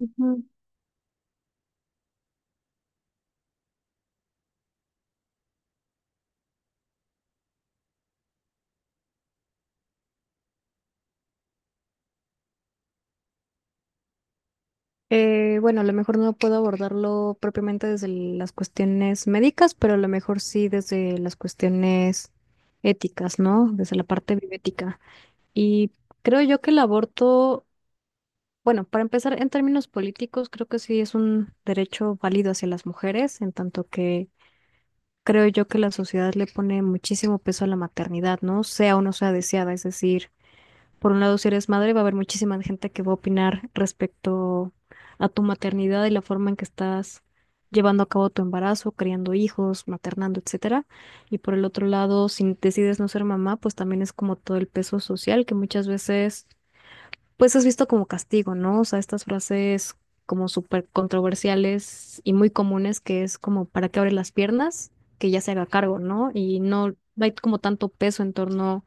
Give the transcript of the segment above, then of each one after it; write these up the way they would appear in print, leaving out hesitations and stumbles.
Ujú. Bueno, a lo mejor no puedo abordarlo propiamente desde las cuestiones médicas, pero a lo mejor sí desde las cuestiones éticas, ¿no? Desde la parte bioética. Y creo yo que el aborto, bueno, para empezar, en términos políticos, creo que sí es un derecho válido hacia las mujeres, en tanto que creo yo que la sociedad le pone muchísimo peso a la maternidad, ¿no? Sea o no sea deseada, es decir. Por un lado, si eres madre, va a haber muchísima gente que va a opinar respecto a tu maternidad y la forma en que estás llevando a cabo tu embarazo, criando hijos, maternando, etcétera. Y por el otro lado, si decides no ser mamá, pues también es como todo el peso social que muchas veces pues es visto como castigo, ¿no? O sea, estas frases como súper controversiales y muy comunes que es como para que abre las piernas, que ya se haga cargo, ¿no? Y no hay como tanto peso en torno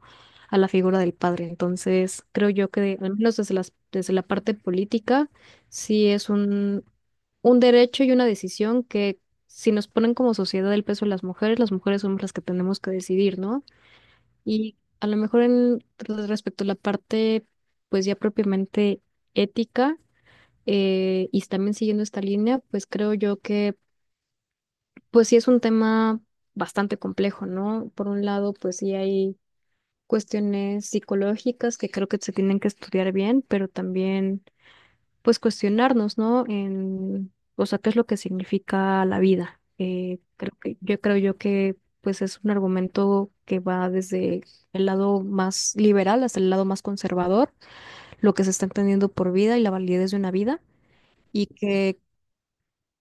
a la figura del padre. Entonces, creo yo que al menos desde la parte política, sí es un derecho y una decisión que si nos ponen como sociedad el peso de las mujeres somos las que tenemos que decidir, ¿no? Y a lo mejor en respecto a la parte, pues ya propiamente ética, y también siguiendo esta línea, pues creo yo que, pues sí es un tema bastante complejo, ¿no? Por un lado, pues sí hay cuestiones psicológicas que creo que se tienen que estudiar bien, pero también pues cuestionarnos, ¿no? O sea, qué es lo que significa la vida. Yo creo yo que pues es un argumento que va desde el lado más liberal hasta el lado más conservador, lo que se está entendiendo por vida y la validez de una vida, y que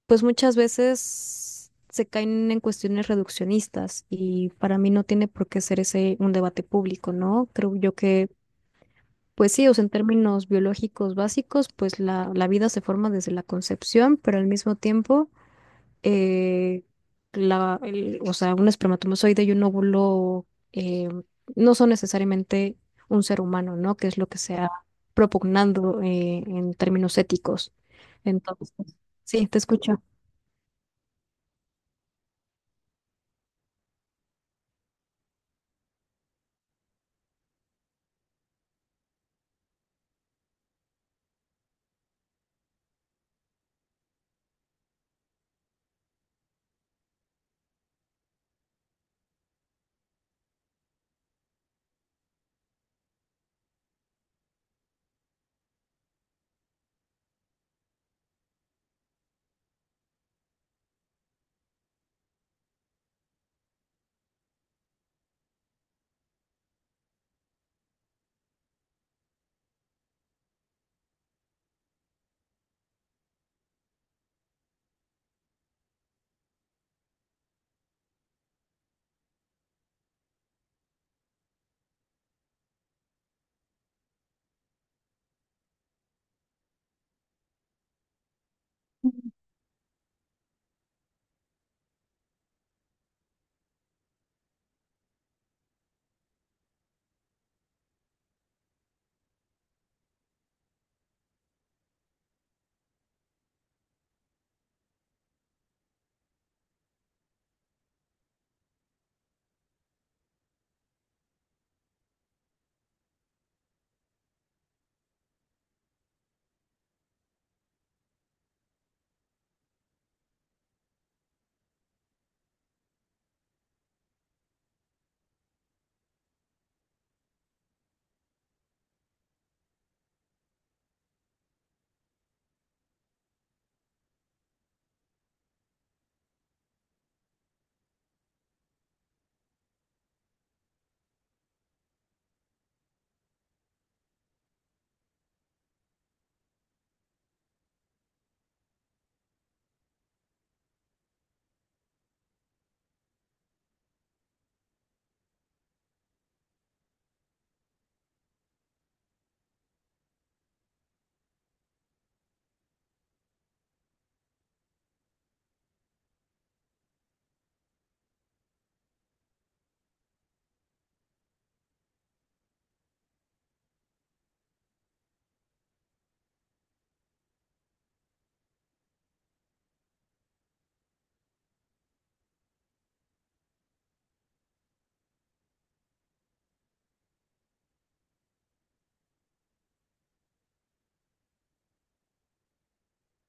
pues muchas veces se caen en cuestiones reduccionistas y para mí no tiene por qué ser ese un debate público, ¿no? Creo yo que pues sí, o sea, en términos biológicos básicos, pues la vida se forma desde la concepción, pero al mismo tiempo, eh, o sea, un espermatozoide y un óvulo no son necesariamente un ser humano, ¿no? Que es lo que se ha propugnando en términos éticos. Entonces, sí, te escucho.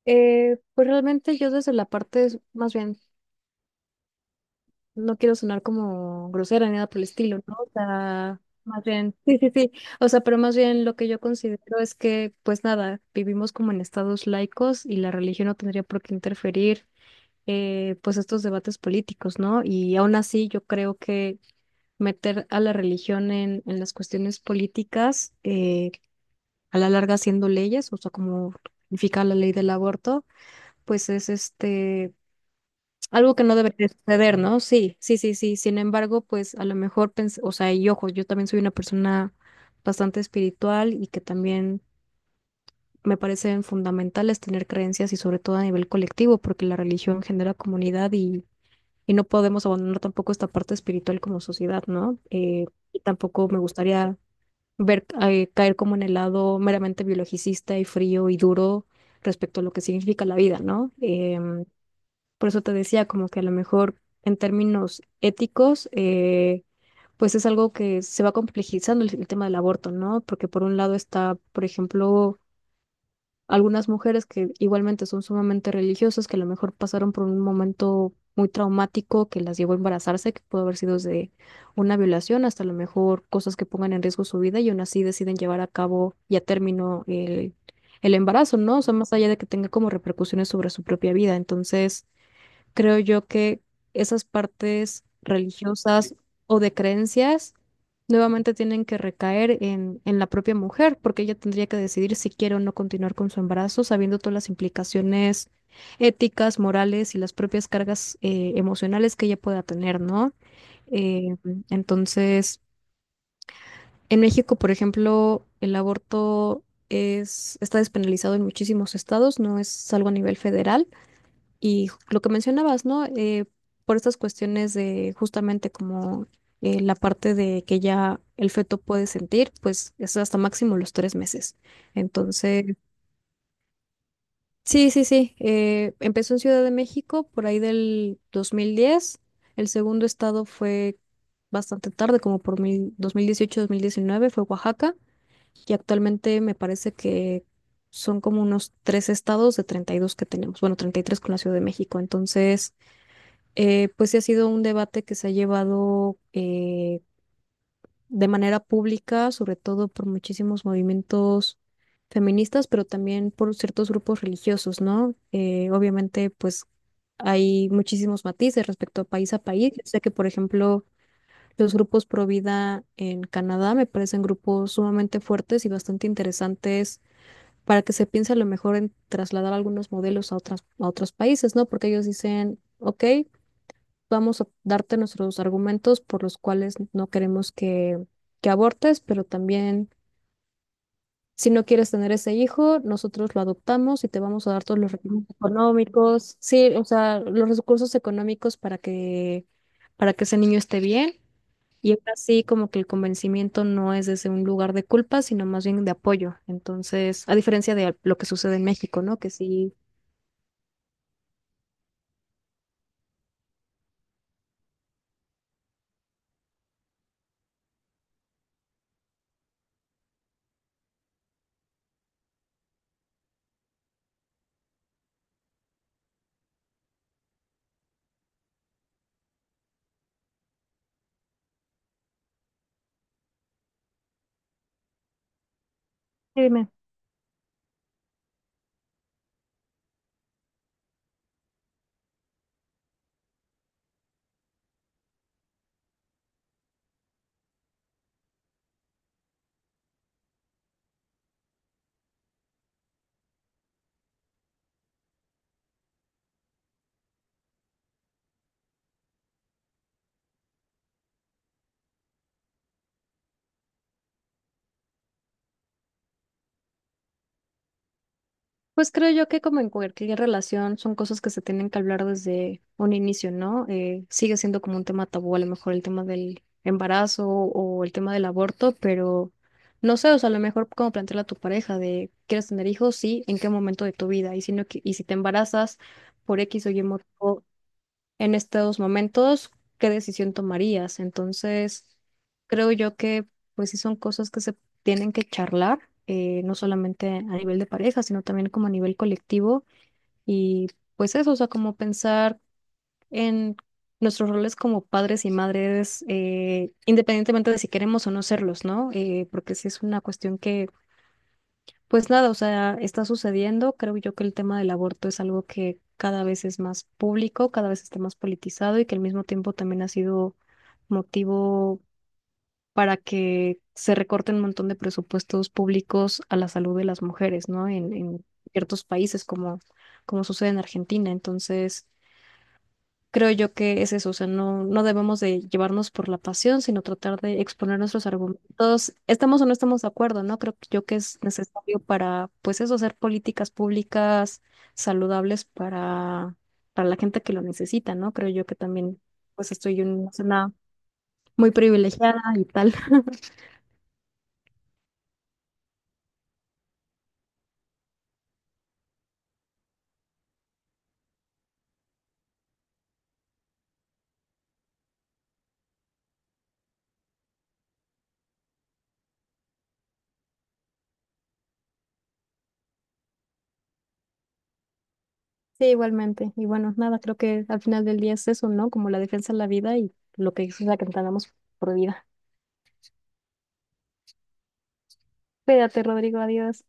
Pues realmente yo desde la parte, más bien no quiero sonar como grosera ni nada por el estilo, ¿no? O sea, más bien, sí, sí, sí. O sea, pero más bien lo que yo considero es que, pues nada, vivimos como en estados laicos y la religión no tendría por qué interferir, pues estos debates políticos, ¿no? Y aún así, yo creo que meter a la religión en las cuestiones políticas, a la larga haciendo leyes, o sea, como significa la ley del aborto, pues es este algo que no debería suceder, ¿no? Sí, sí, sí, sí. Sin embargo, pues a lo mejor pensé, o sea, y ojo, yo también soy una persona bastante espiritual y que también me parecen fundamentales tener creencias y sobre todo a nivel colectivo, porque la religión genera comunidad y no podemos abandonar tampoco esta parte espiritual como sociedad, ¿no? Y tampoco me gustaría ver caer como en el lado meramente biologicista y frío y duro respecto a lo que significa la vida, ¿no? Por eso te decía, como que a lo mejor en términos éticos, pues es algo que se va complejizando el tema del aborto, ¿no? Porque por un lado está, por ejemplo, algunas mujeres que igualmente son sumamente religiosas, que a lo mejor pasaron por un momento muy traumático que las llevó a embarazarse, que pudo haber sido desde una violación hasta a lo mejor cosas que pongan en riesgo su vida y aún así deciden llevar a cabo y a término el embarazo, ¿no? O sea, más allá de que tenga como repercusiones sobre su propia vida. Entonces creo yo que esas partes religiosas o de creencias nuevamente tienen que recaer en la propia mujer, porque ella tendría que decidir si quiere o no continuar con su embarazo, sabiendo todas las implicaciones éticas, morales y las propias cargas emocionales que ella pueda tener, ¿no? Eh, entonces, en México, por ejemplo, el aborto está despenalizado en muchísimos estados, no es algo a nivel federal. Y lo que mencionabas, ¿no? Por estas cuestiones de justamente como la parte de que ya el feto puede sentir, pues es hasta máximo los 3 meses. Entonces, sí, sí, sí. Empezó en Ciudad de México por ahí del 2010. El segundo estado fue bastante tarde, como por mil dos dieciocho mil diecinueve fue Oaxaca. Y actualmente me parece que son como unos tres estados de 32 que tenemos. Bueno, 33 con la Ciudad de México. Entonces. Pues sí ha sido un debate que se ha llevado de manera pública, sobre todo por muchísimos movimientos feministas, pero también por ciertos grupos religiosos, ¿no? Obviamente, pues hay muchísimos matices respecto a país a país. Yo sé que, por ejemplo, los grupos pro vida en Canadá me parecen grupos sumamente fuertes y bastante interesantes para que se piense a lo mejor en trasladar algunos modelos a a otros países, ¿no? Porque ellos dicen, OK, vamos a darte nuestros argumentos por los cuales no queremos que abortes, pero también si no quieres tener ese hijo, nosotros lo adoptamos y te vamos a dar todos los recursos económicos, sí, o sea, los recursos económicos para que ese niño esté bien. Y es así como que el convencimiento no es desde un lugar de culpa, sino más bien de apoyo. Entonces, a diferencia de lo que sucede en México, ¿no? Que sí. Sí, dime. Pues creo yo que como en cualquier relación son cosas que se tienen que hablar desde un inicio, ¿no? Sigue siendo como un tema tabú, a lo mejor el tema del embarazo o el tema del aborto, pero no sé, o sea, a lo mejor como plantearle a tu pareja de, ¿quieres tener hijos? Sí, ¿en qué momento de tu vida? Y si no, y si te embarazas por X o Y motivo, en estos momentos, ¿qué decisión tomarías? Entonces, creo yo que pues sí son cosas que se tienen que charlar, no solamente a nivel de pareja, sino también como a nivel colectivo y pues eso, o sea, como pensar en nuestros roles como padres y madres, independientemente de si queremos o no serlos, ¿no? Porque sí es una cuestión que pues nada, o sea, está sucediendo. Creo yo que el tema del aborto es algo que cada vez es más público, cada vez está más politizado y que al mismo tiempo también ha sido motivo para que se recorten un montón de presupuestos públicos a la salud de las mujeres, ¿no? En ciertos países como sucede en Argentina. Entonces, creo yo que es eso, o sea, no debemos de llevarnos por la pasión, sino tratar de exponer nuestros argumentos. Estamos o no estamos de acuerdo, ¿no? Creo yo que es necesario para, pues eso, hacer políticas públicas saludables para la gente que lo necesita, ¿no? Creo yo que también, pues estoy en una zona muy privilegiada y tal. Sí, igualmente. Y bueno, nada, creo que al final del día es eso, ¿no? Como la defensa de la vida y lo que es la que entendamos por vida. Cuídate, Rodrigo, adiós.